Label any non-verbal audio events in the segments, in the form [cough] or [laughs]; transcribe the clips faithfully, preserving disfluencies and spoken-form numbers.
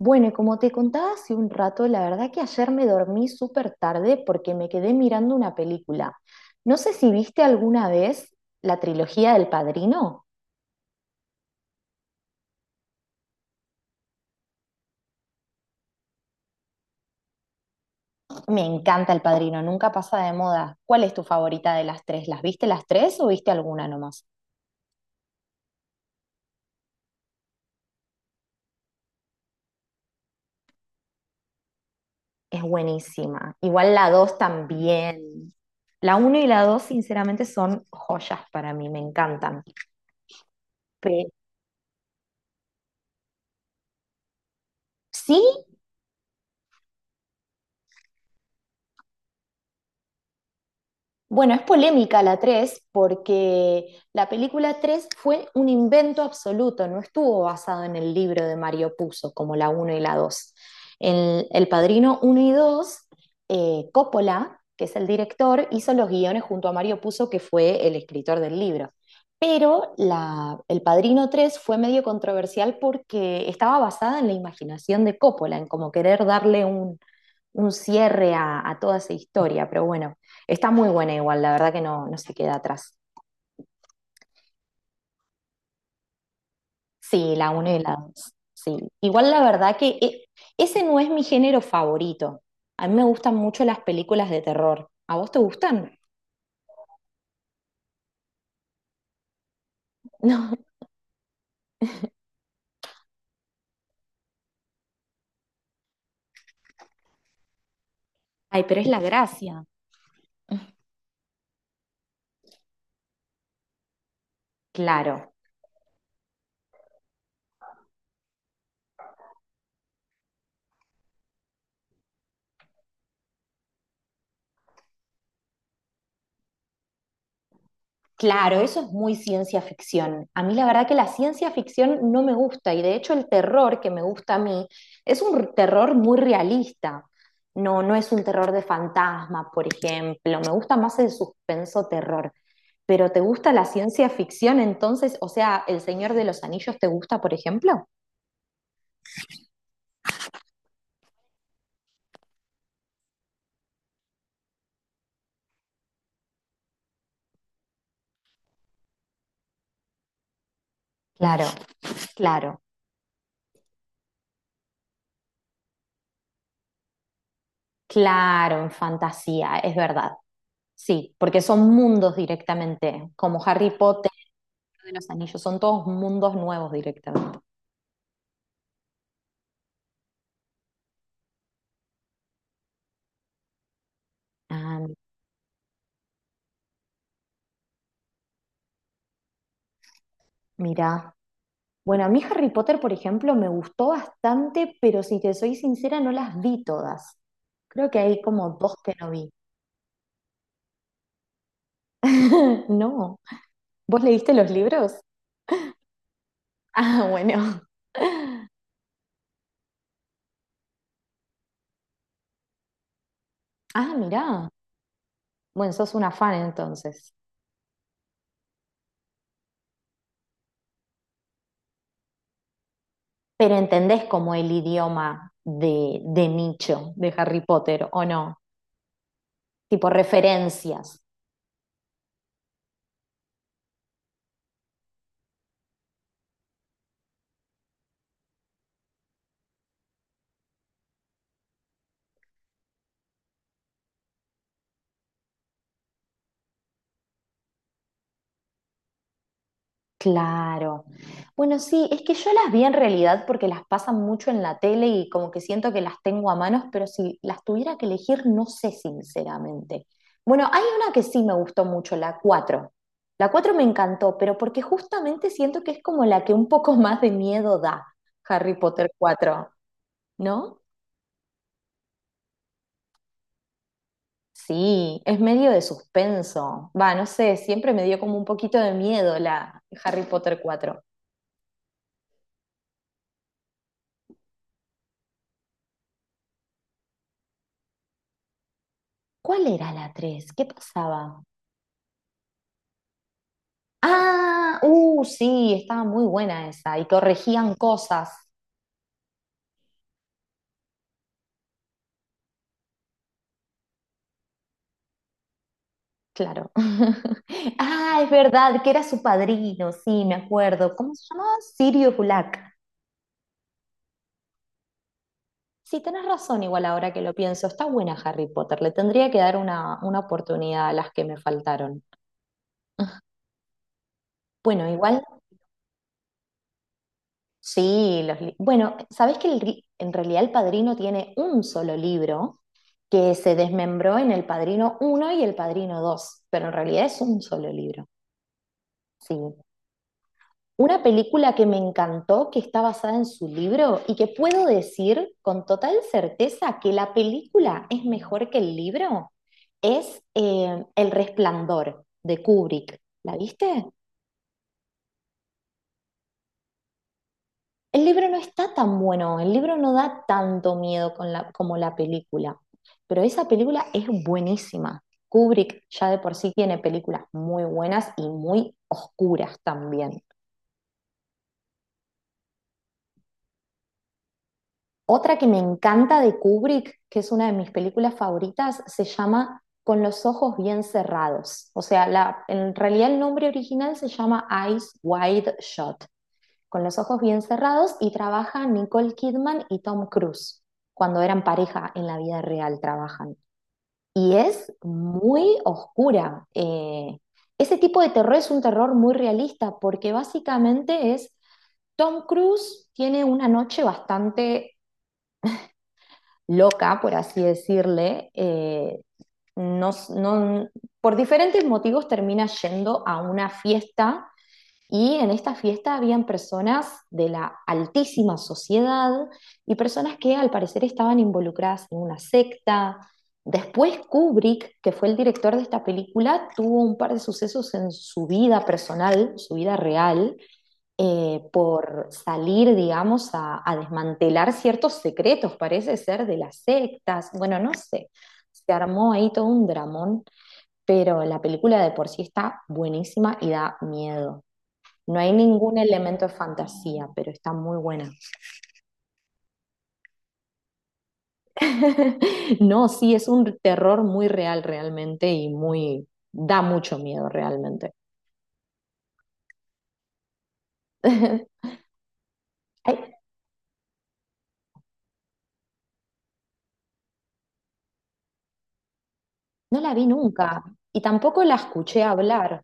Bueno, y como te contaba hace un rato, la verdad que ayer me dormí súper tarde porque me quedé mirando una película. No sé si viste alguna vez la trilogía del Padrino. Me encanta el Padrino, nunca pasa de moda. ¿Cuál es tu favorita de las tres? ¿Las viste las tres o viste alguna nomás? Es buenísima. Igual la dos también. La uno y la dos, sinceramente, son joyas para mí, me encantan. Pe- ¿Sí? Bueno, es polémica la tres porque la película tres fue un invento absoluto, no estuvo basado en el libro de Mario Puzo como la uno y la dos. En El Padrino uno y dos, eh, Coppola, que es el director, hizo los guiones junto a Mario Puzo, que fue el escritor del libro. Pero la- El Padrino tres fue medio controversial porque estaba basada en la imaginación de Coppola, en como querer darle un cierre a, a toda esa historia, pero bueno, está muy buena igual, la verdad que no, no se queda atrás. Sí, la uno y la dos. Sí, igual la verdad que e- Ese no es mi género favorito. A mí me gustan mucho las películas de terror. ¿A vos te gustan? [laughs] No. Ay, pero es la gracia. Claro. Claro, eso es muy ciencia ficción. A mí la verdad que la ciencia ficción no me gusta y de hecho el terror que me gusta a mí es un terror muy realista. No, no es un terror de fantasma, por ejemplo. Me gusta más el suspenso terror. Pero ¿te gusta la ciencia ficción entonces? O sea, ¿El Señor de los Anillos te gusta, por ejemplo? Claro, claro, claro, en fantasía, es verdad. Sí, porque son mundos directamente, como Harry Potter. De los Anillos, son todos mundos nuevos directamente. Ah, mira. Bueno, a mí Harry Potter, por ejemplo, me gustó bastante, pero si te soy sincera, no las vi todas. Creo que hay como dos que no vi. [laughs] No. ¿Vos leíste los libros? Ah, bueno. Ah, mirá. Bueno, sos una fan entonces. Pero ¿entendés como el idioma de, de nicho de Harry Potter, o no? Tipo referencias. Claro. Bueno, sí, es que yo las vi en realidad porque las pasan mucho en la tele y como que siento que las tengo a manos, pero si las tuviera que elegir, no sé sinceramente. Bueno, hay una que sí me gustó mucho, la cuatro. La cuatro me encantó, pero porque justamente siento que es como la que un poco [laughs] más de miedo da, Harry Potter cuatro, ¿no? Sí, es medio de suspenso. Va, no sé, siempre me dio como un poquito de miedo la Harry Potter cuatro. ¿Cuál era la tres? ¿Qué pasaba? Ah, uh, sí, estaba muy buena esa. Y corregían cosas, claro. [laughs] Ah, es verdad, que era su padrino, sí, me acuerdo. ¿Cómo se llamaba? Sirio Gulak. Sí, tenés razón, igual ahora que lo pienso. Está buena Harry Potter, le tendría que dar una, una oportunidad a las que me faltaron. [laughs] Bueno, igual, sí, los li- bueno, ¿sabés que el ri- en realidad El Padrino tiene un solo libro que se desmembró en El Padrino uno y El Padrino dos? Pero en realidad es un solo libro. Sí. Una película que me encantó, que está basada en su libro y que puedo decir con total certeza que la película es mejor que el libro, es eh, El Resplandor de Kubrick. ¿La viste? El libro no está tan bueno, el libro no da tanto miedo con la- como la película, pero esa película es buenísima. Kubrick ya de por sí tiene películas muy buenas y muy oscuras también. Otra que me encanta de Kubrick, que es una de mis películas favoritas, se llama Con los ojos bien cerrados. O sea, la, en realidad el nombre original se llama Eyes Wide Shut, con los ojos bien cerrados, y trabaja Nicole Kidman y Tom Cruise. Cuando eran pareja en la vida real trabajan. Y es muy oscura. Eh, ese tipo de terror es un terror muy realista porque básicamente es, Tom Cruise tiene una noche bastante loca, por así decirle, eh, no, no- por diferentes motivos termina yendo a una fiesta y en esta fiesta habían personas de la altísima sociedad y personas que al parecer estaban involucradas en una secta. Después Kubrick, que fue el director de esta película, tuvo un par de sucesos en su vida personal, su vida real, eh, por salir, digamos, a, a desmantelar ciertos secretos, parece ser, de las sectas. Bueno, no sé, se armó ahí todo un dramón, pero la película de por sí está buenísima y da miedo. No hay ningún elemento de fantasía, pero está muy buena. [laughs] No, sí, es un terror muy real realmente y muy da mucho miedo realmente. [laughs] Ay, no la vi nunca y tampoco la escuché hablar.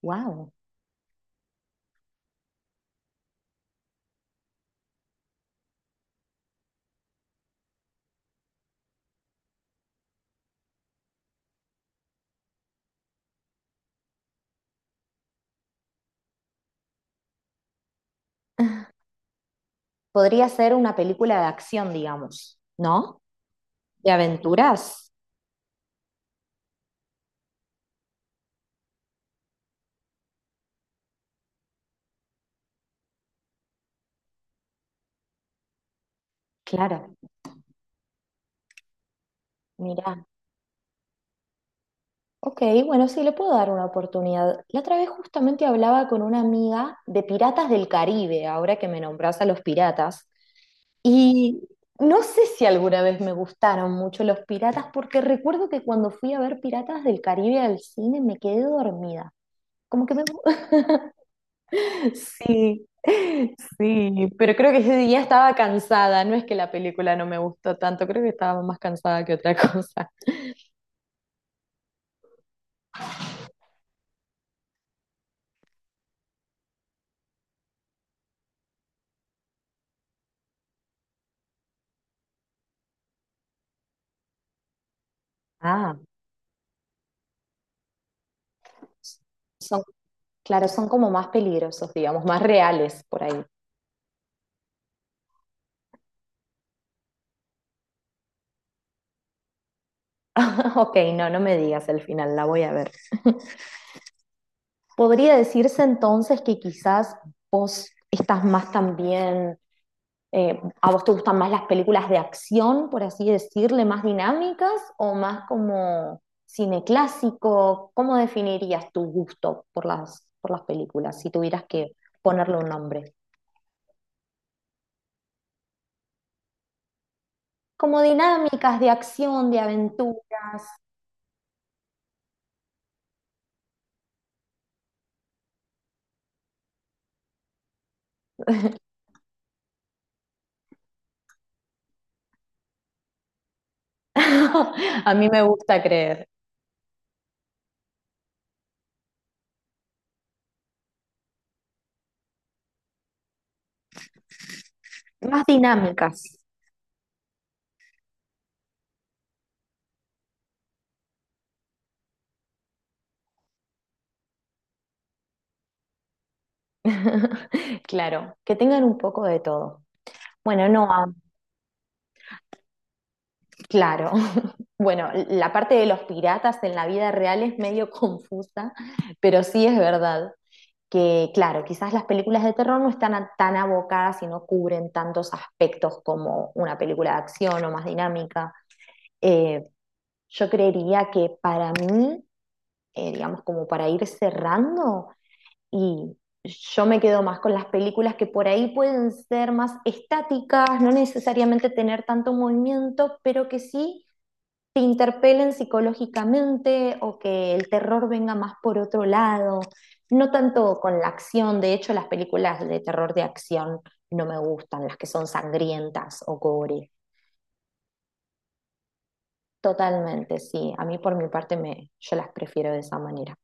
Wow. Podría ser una película de acción, digamos, ¿no? ¿De aventuras? Claro, mira. Ok, bueno, sí, le puedo dar una oportunidad. La otra vez justamente hablaba con una amiga de Piratas del Caribe, ahora que me nombras a los piratas, y no sé si alguna vez me gustaron mucho los piratas, porque recuerdo que cuando fui a ver Piratas del Caribe al cine me quedé dormida. Como que me Sí, sí, pero creo que ese día estaba cansada, no es que la película no me gustó tanto, creo que estaba más cansada que otra [laughs] cosa. Ah, son, claro, son como más peligrosos, digamos, más reales por ahí. [laughs] Ok, no, no me digas el final, la voy a ver. ¿Podría decirse entonces que quizás vos estás más también? Eh, ¿a vos te gustan más las películas de acción, por así decirle, más dinámicas o más como cine clásico? ¿Cómo definirías tu gusto por las, por las películas si tuvieras que ponerle un nombre? Como dinámicas de acción, de aventuras. [laughs] A mí me gusta creer. Más dinámicas. [laughs] Claro, que tengan un poco de todo. Bueno, no, a claro. Bueno, la parte de los piratas en la vida real es medio [laughs] confusa, pero sí es verdad que, claro, quizás las películas de terror no están a- tan abocadas y no cubren tantos aspectos como una película de acción o más dinámica. Eh, yo creería que para mí, eh, digamos, como para ir cerrando, y yo me quedo más con las películas que por ahí pueden ser más estáticas, no necesariamente tener tanto movimiento, pero que sí te interpelen psicológicamente o que el terror venga más por otro lado, no tanto con la acción, de hecho las películas de terror de acción no me gustan, las que son sangrientas o gore. Totalmente, sí, a mí por mi parte me, yo las prefiero de esa manera.